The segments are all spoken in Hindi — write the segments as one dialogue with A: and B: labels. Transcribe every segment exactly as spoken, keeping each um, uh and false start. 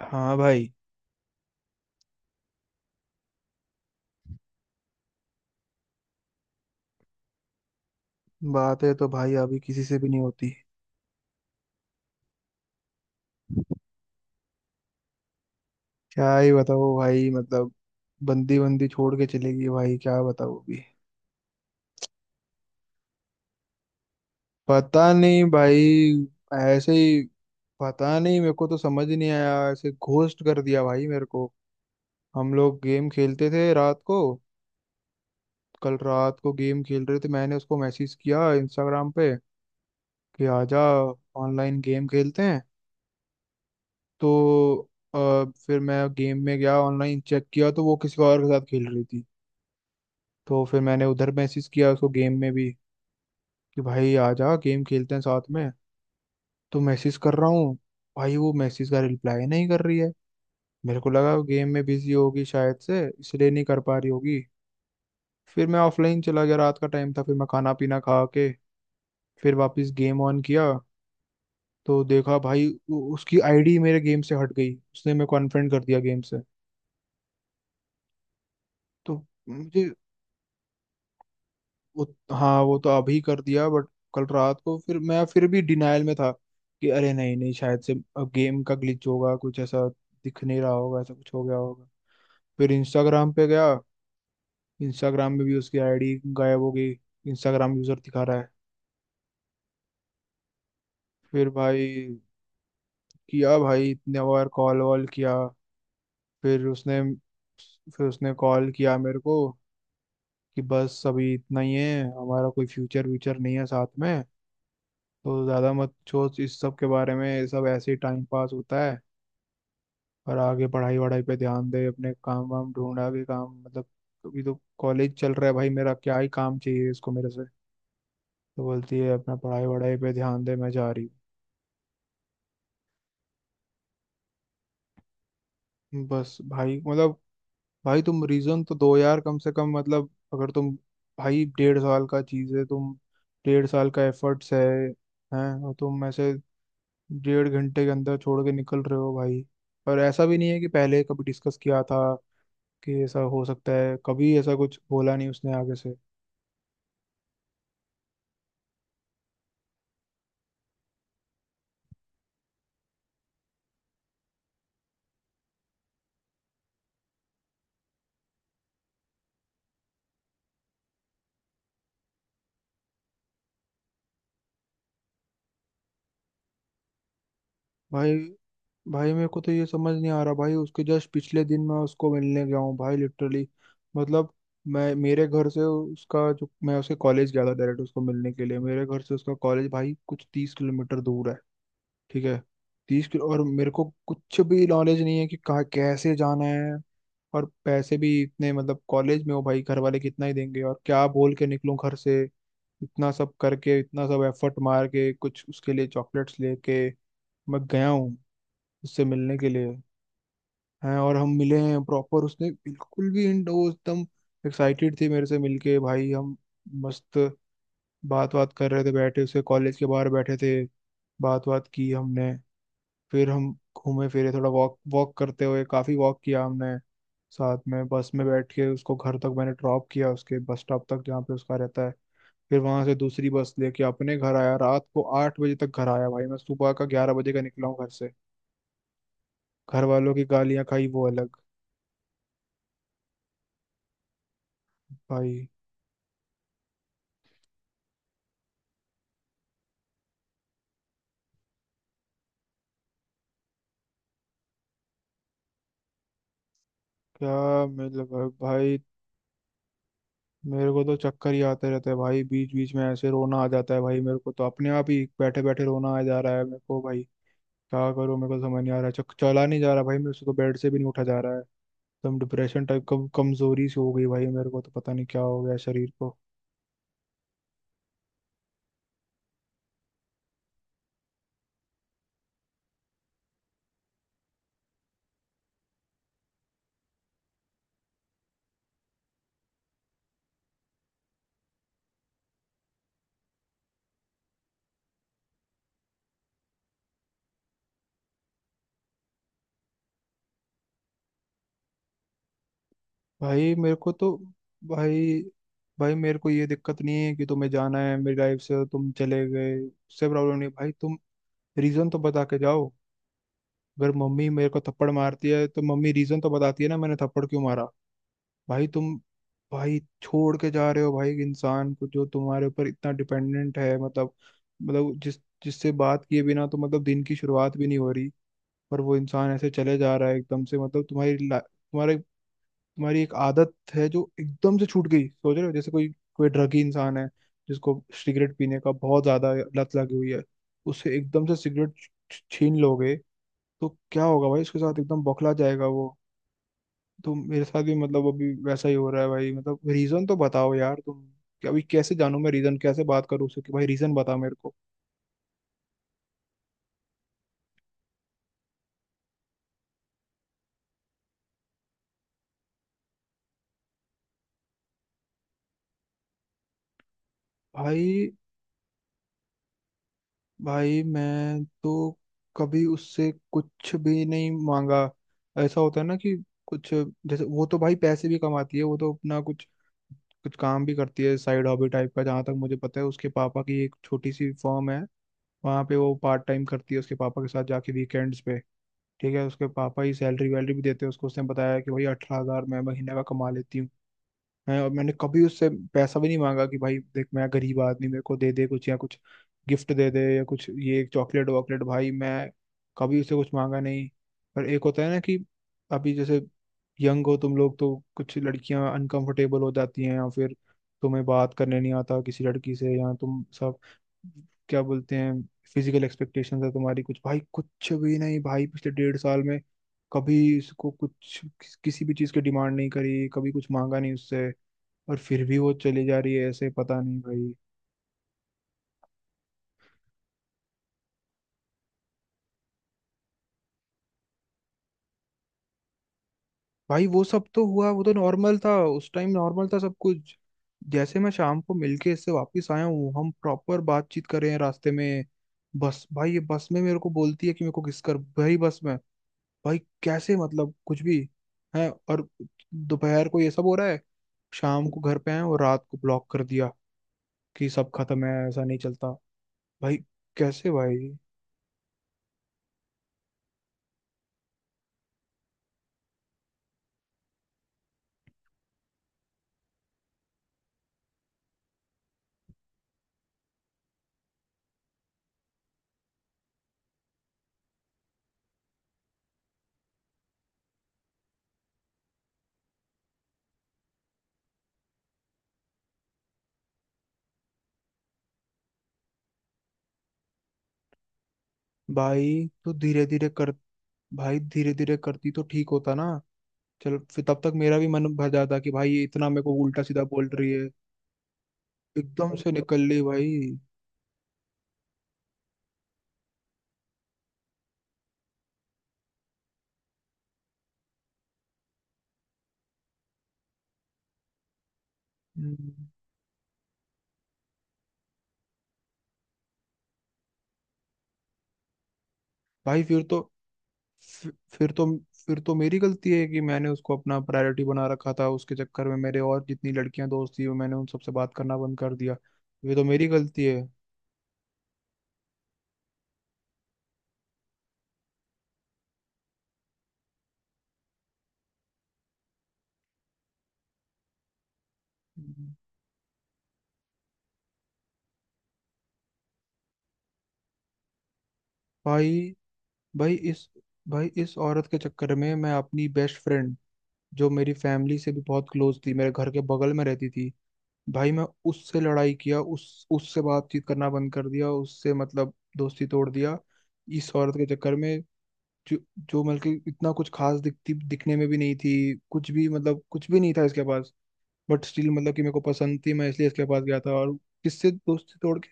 A: हाँ भाई। बातें तो भाई अभी किसी से भी नहीं होती। क्या ही बताओ भाई मतलब। बंदी बंदी छोड़ के चलेगी भाई, क्या बताओ अभी। पता नहीं भाई, ऐसे ही। पता नहीं, मेरे को तो समझ ही नहीं आया, ऐसे घोस्ट कर दिया भाई मेरे को। हम लोग गेम खेलते थे रात को। कल रात को गेम खेल रहे थे, मैंने उसको मैसेज किया इंस्टाग्राम पे कि आजा, ऑनलाइन गेम खेलते हैं। तो अ, फिर मैं गेम में गया, ऑनलाइन चेक किया तो वो किसी और के साथ खेल रही थी। तो फिर मैंने उधर मैसेज किया उसको गेम में भी कि भाई आ जा, गेम खेलते हैं साथ में। तो मैसेज कर रहा हूँ भाई, वो मैसेज का रिप्लाई नहीं कर रही है। मेरे को लगा वो गेम में बिजी होगी शायद से, इसलिए नहीं कर पा रही होगी। फिर मैं ऑफलाइन चला गया, रात का टाइम था, फिर मैं खाना पीना खा के फिर वापस गेम ऑन किया। तो देखा भाई उ- उसकी आईडी मेरे गेम से हट गई, उसने मेरे को अनफ्रेंड कर दिया गेम से। तो मुझे उत, हाँ, वो तो अभी कर दिया, बट कल रात को फिर मैं फिर भी डिनायल में था कि अरे नहीं नहीं, शायद से अब गेम का ग्लिच होगा कुछ ऐसा, दिख नहीं रहा होगा, ऐसा कुछ हो गया होगा। फिर इंस्टाग्राम पे गया, इंस्टाग्राम में भी उसकी आईडी गायब हो गई, इंस्टाग्राम यूजर दिखा रहा है। फिर भाई किया भाई इतने बार कॉल वॉल किया। फिर उसने फिर उसने कॉल किया मेरे को कि बस अभी इतना ही है, हमारा कोई फ्यूचर व्यूचर नहीं है साथ में। तो ज़्यादा मत सोच इस सब के बारे में, ये सब ऐसे ही टाइम पास होता है और आगे पढ़ाई वढ़ाई पे ध्यान दे, अपने काम वाम ढूंढा, भी काम मतलब। अभी तो कॉलेज चल रहा है भाई मेरा, क्या ही काम चाहिए इसको मेरे से। तो बोलती है अपना पढ़ाई वढ़ाई पे ध्यान दे, मैं जा रही हूँ। बस भाई मतलब। भाई तुम रीज़न तो दो यार कम से कम, मतलब अगर तुम। भाई डेढ़ साल का चीज़ है तुम। डेढ़ साल का एफर्ट्स है, हैं, और तुम ऐसे डेढ़ घंटे के अंदर छोड़ के निकल रहे हो भाई। और ऐसा भी नहीं है कि पहले कभी डिस्कस किया था कि ऐसा हो सकता है, कभी ऐसा कुछ बोला नहीं उसने आगे से। भाई। भाई मेरे को तो ये समझ नहीं आ रहा भाई, उसके जस्ट पिछले दिन मैं उसको मिलने गया हूँ भाई, लिटरली मतलब। मैं मेरे घर से उसका, जो मैं उसके कॉलेज गया था डायरेक्ट उसको मिलने के लिए, मेरे घर से उसका कॉलेज भाई कुछ तीस किलोमीटर दूर है। ठीक है। तीस किलो, और मेरे को कुछ भी नॉलेज नहीं है कि कहाँ कैसे जाना है। और पैसे भी इतने, मतलब कॉलेज में हो भाई, घर वाले कितना ही देंगे, और क्या बोल के निकलूं घर से। इतना सब करके, इतना सब एफर्ट मार के, कुछ उसके लिए चॉकलेट्स लेके मैं गया हूँ उससे मिलने के लिए। हैं, और हम मिले हैं प्रॉपर, उसने बिल्कुल भी इन- वो एकदम एक्साइटेड थी मेरे से मिलके भाई। हम मस्त बात बात कर रहे थे, बैठे उसके कॉलेज के बाहर बैठे थे, बात बात की हमने। फिर हम घूमे फिरे थोड़ा, वॉक वॉक करते हुए काफी वॉक किया हमने साथ में। बस में बैठ के उसको घर तक मैंने ड्रॉप किया, उसके बस स्टॉप तक जहाँ पे उसका रहता है। फिर वहां से दूसरी बस लेके अपने घर आया, रात को आठ बजे तक घर आया भाई। मैं सुबह का ग्यारह बजे का निकला हूँ घर से। घर वालों की गालियां खाई वो अलग। भाई। क्या मतलब। भाई मेरे को तो चक्कर ही आते रहते हैं भाई, बीच बीच में ऐसे रोना आ जाता है भाई। मेरे को तो अपने आप ही बैठे बैठे रोना आ जा रहा है मेरे को भाई। क्या करूं, मेरे को समझ नहीं आ रहा है। चक- चला नहीं जा रहा भाई मेरे से, तो बेड से भी नहीं उठा जा रहा है। एकदम डिप्रेशन टाइप कम कमजोरी सी हो गई भाई मेरे को, तो पता नहीं क्या हो गया शरीर को। भाई मेरे को तो। भाई। भाई मेरे को ये दिक्कत नहीं है कि तुम्हें जाना है मेरी लाइफ से, तुम चले गए उससे प्रॉब्लम नहीं है। भाई तुम रीजन तो बता के जाओ। अगर मम्मी मेरे को थप्पड़ मारती है तो मम्मी रीजन तो बताती है ना मैंने थप्पड़ क्यों मारा। भाई तुम। भाई छोड़ के जा रहे हो भाई एक इंसान को, जो तुम्हारे ऊपर इतना डिपेंडेंट है। मतलब मतलब जिस जिससे बात किए बिना तो मतलब दिन की शुरुआत भी नहीं हो रही। पर वो इंसान ऐसे चले जा रहा है एकदम से, मतलब तुम्हारी ला- तुम्हारे, तुम्हारी एक आदत है जो एकदम से छूट गई। सोच रहे हो जैसे कोई कोई ड्रगी इंसान है जिसको सिगरेट पीने का बहुत ज्यादा लत लगी हुई है, उसे एकदम से सिगरेट छ- छीन लोगे तो क्या होगा भाई उसके साथ, एकदम बौखला जाएगा वो। तो मेरे साथ भी मतलब अभी वैसा ही हो रहा है भाई, मतलब रीजन तो बताओ यार तुम। कि अभी कैसे जानूं मैं रीजन, कैसे बात करूं उससे कि भाई रीजन बता मेरे को। भाई। भाई मैं तो कभी उससे कुछ भी नहीं मांगा। ऐसा होता है ना कि कुछ, जैसे वो तो भाई पैसे भी कमाती है, वो तो अपना कुछ कुछ काम भी करती है साइड हॉबी टाइप का। जहाँ तक मुझे पता है उसके पापा की एक छोटी सी फर्म है, वहाँ पे वो पार्ट टाइम करती है उसके पापा के साथ जाके वीकेंड्स पे। ठीक है, उसके पापा ही सैलरी वैलरी भी देते हैं उसको। उसने बताया कि भाई अठारह हजार मैं महीने का कमा लेती हूँ। है, और मैंने कभी उससे पैसा भी नहीं मांगा कि भाई देख, मैं गरीब आदमी मेरे को दे दे कुछ, या कुछ गिफ्ट दे दे, या कुछ ये चॉकलेट वॉकलेट, भाई मैं कभी उससे कुछ मांगा नहीं। पर एक होता है ना कि अभी जैसे यंग हो तुम लोग, तो कुछ लड़कियां अनकंफर्टेबल हो जाती हैं, या फिर तुम्हें बात करने नहीं आता किसी लड़की से, या तुम सब, क्या बोलते हैं, फिजिकल एक्सपेक्टेशंस है तुम्हारी कुछ। भाई कुछ भी नहीं, भाई पिछले डेढ़ साल में कभी इसको कुछ किस, किसी भी चीज़ की डिमांड नहीं करी, कभी कुछ मांगा नहीं उससे। और फिर भी वो चली जा रही है ऐसे, पता नहीं भाई। भाई वो सब तो हुआ, वो तो नॉर्मल था, उस टाइम नॉर्मल था सब कुछ। जैसे मैं शाम को मिलके इससे वापस आया हूँ, हम प्रॉपर बातचीत कर रहे हैं रास्ते में, बस भाई ये बस में मेरे को बोलती है कि मेरे को किस कर भाई, बस में। भाई कैसे, मतलब कुछ भी। है, और दोपहर को ये सब हो रहा है, शाम को घर पे आए और रात को ब्लॉक कर दिया कि सब खत्म है। ऐसा नहीं चलता भाई। कैसे भाई। भाई तो धीरे धीरे कर, भाई धीरे धीरे करती तो ठीक होता ना, चल फिर तब तक मेरा भी मन भर जाता कि भाई ये इतना मेरे को उल्टा सीधा बोल रही है। एकदम से निकल ली भाई। हम्म। भाई फिर तो। फिर, फिर तो फिर तो मेरी गलती है कि मैंने उसको अपना प्रायोरिटी बना रखा था, उसके चक्कर में मेरे और जितनी लड़कियां दोस्त थी वो मैंने उन सबसे बात करना बंद कर दिया। ये तो मेरी गलती है। हम्म। भाई। भाई इस भाई इस औरत के चक्कर में मैं अपनी बेस्ट फ्रेंड, जो मेरी फैमिली से भी बहुत क्लोज थी, मेरे घर के बगल में रहती थी भाई, मैं उससे लड़ाई किया, उस उससे बातचीत करना बंद कर दिया उससे, मतलब दोस्ती तोड़ दिया इस औरत के चक्कर में। जो जो मतलब इतना कुछ खास दिखती, दिखने में भी नहीं थी, कुछ भी, मतलब कुछ भी नहीं था इसके पास, बट स्टिल मतलब कि मेरे को पसंद थी मैं, इसलिए इसके पास गया था। और किससे दोस्ती तोड़ के,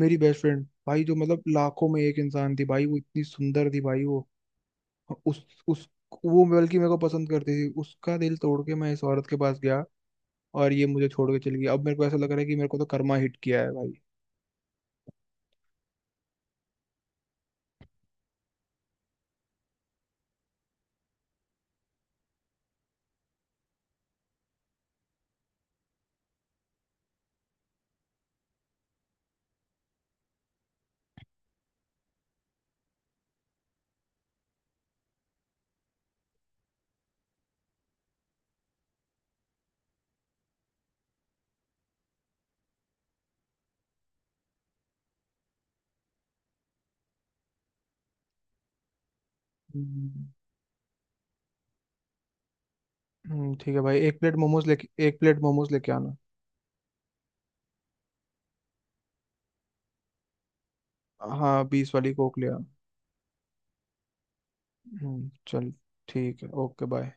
A: मेरी बेस्ट फ्रेंड भाई, जो मतलब लाखों में एक इंसान थी भाई, वो इतनी सुंदर थी भाई वो उस उस वो बल्कि मेरे को पसंद करती थी, उसका दिल तोड़ के मैं इस औरत के पास गया, और ये मुझे छोड़ के चली गई। अब मेरे को ऐसा लग रहा है कि मेरे को तो कर्मा हिट किया है भाई। हम्म, हम्म, ठीक है भाई, एक प्लेट मोमोज लेके, एक प्लेट मोमोज लेके आना। हाँ, बीस वाली कोक ले आ। हम्म, चल, ठीक है, ओके बाय।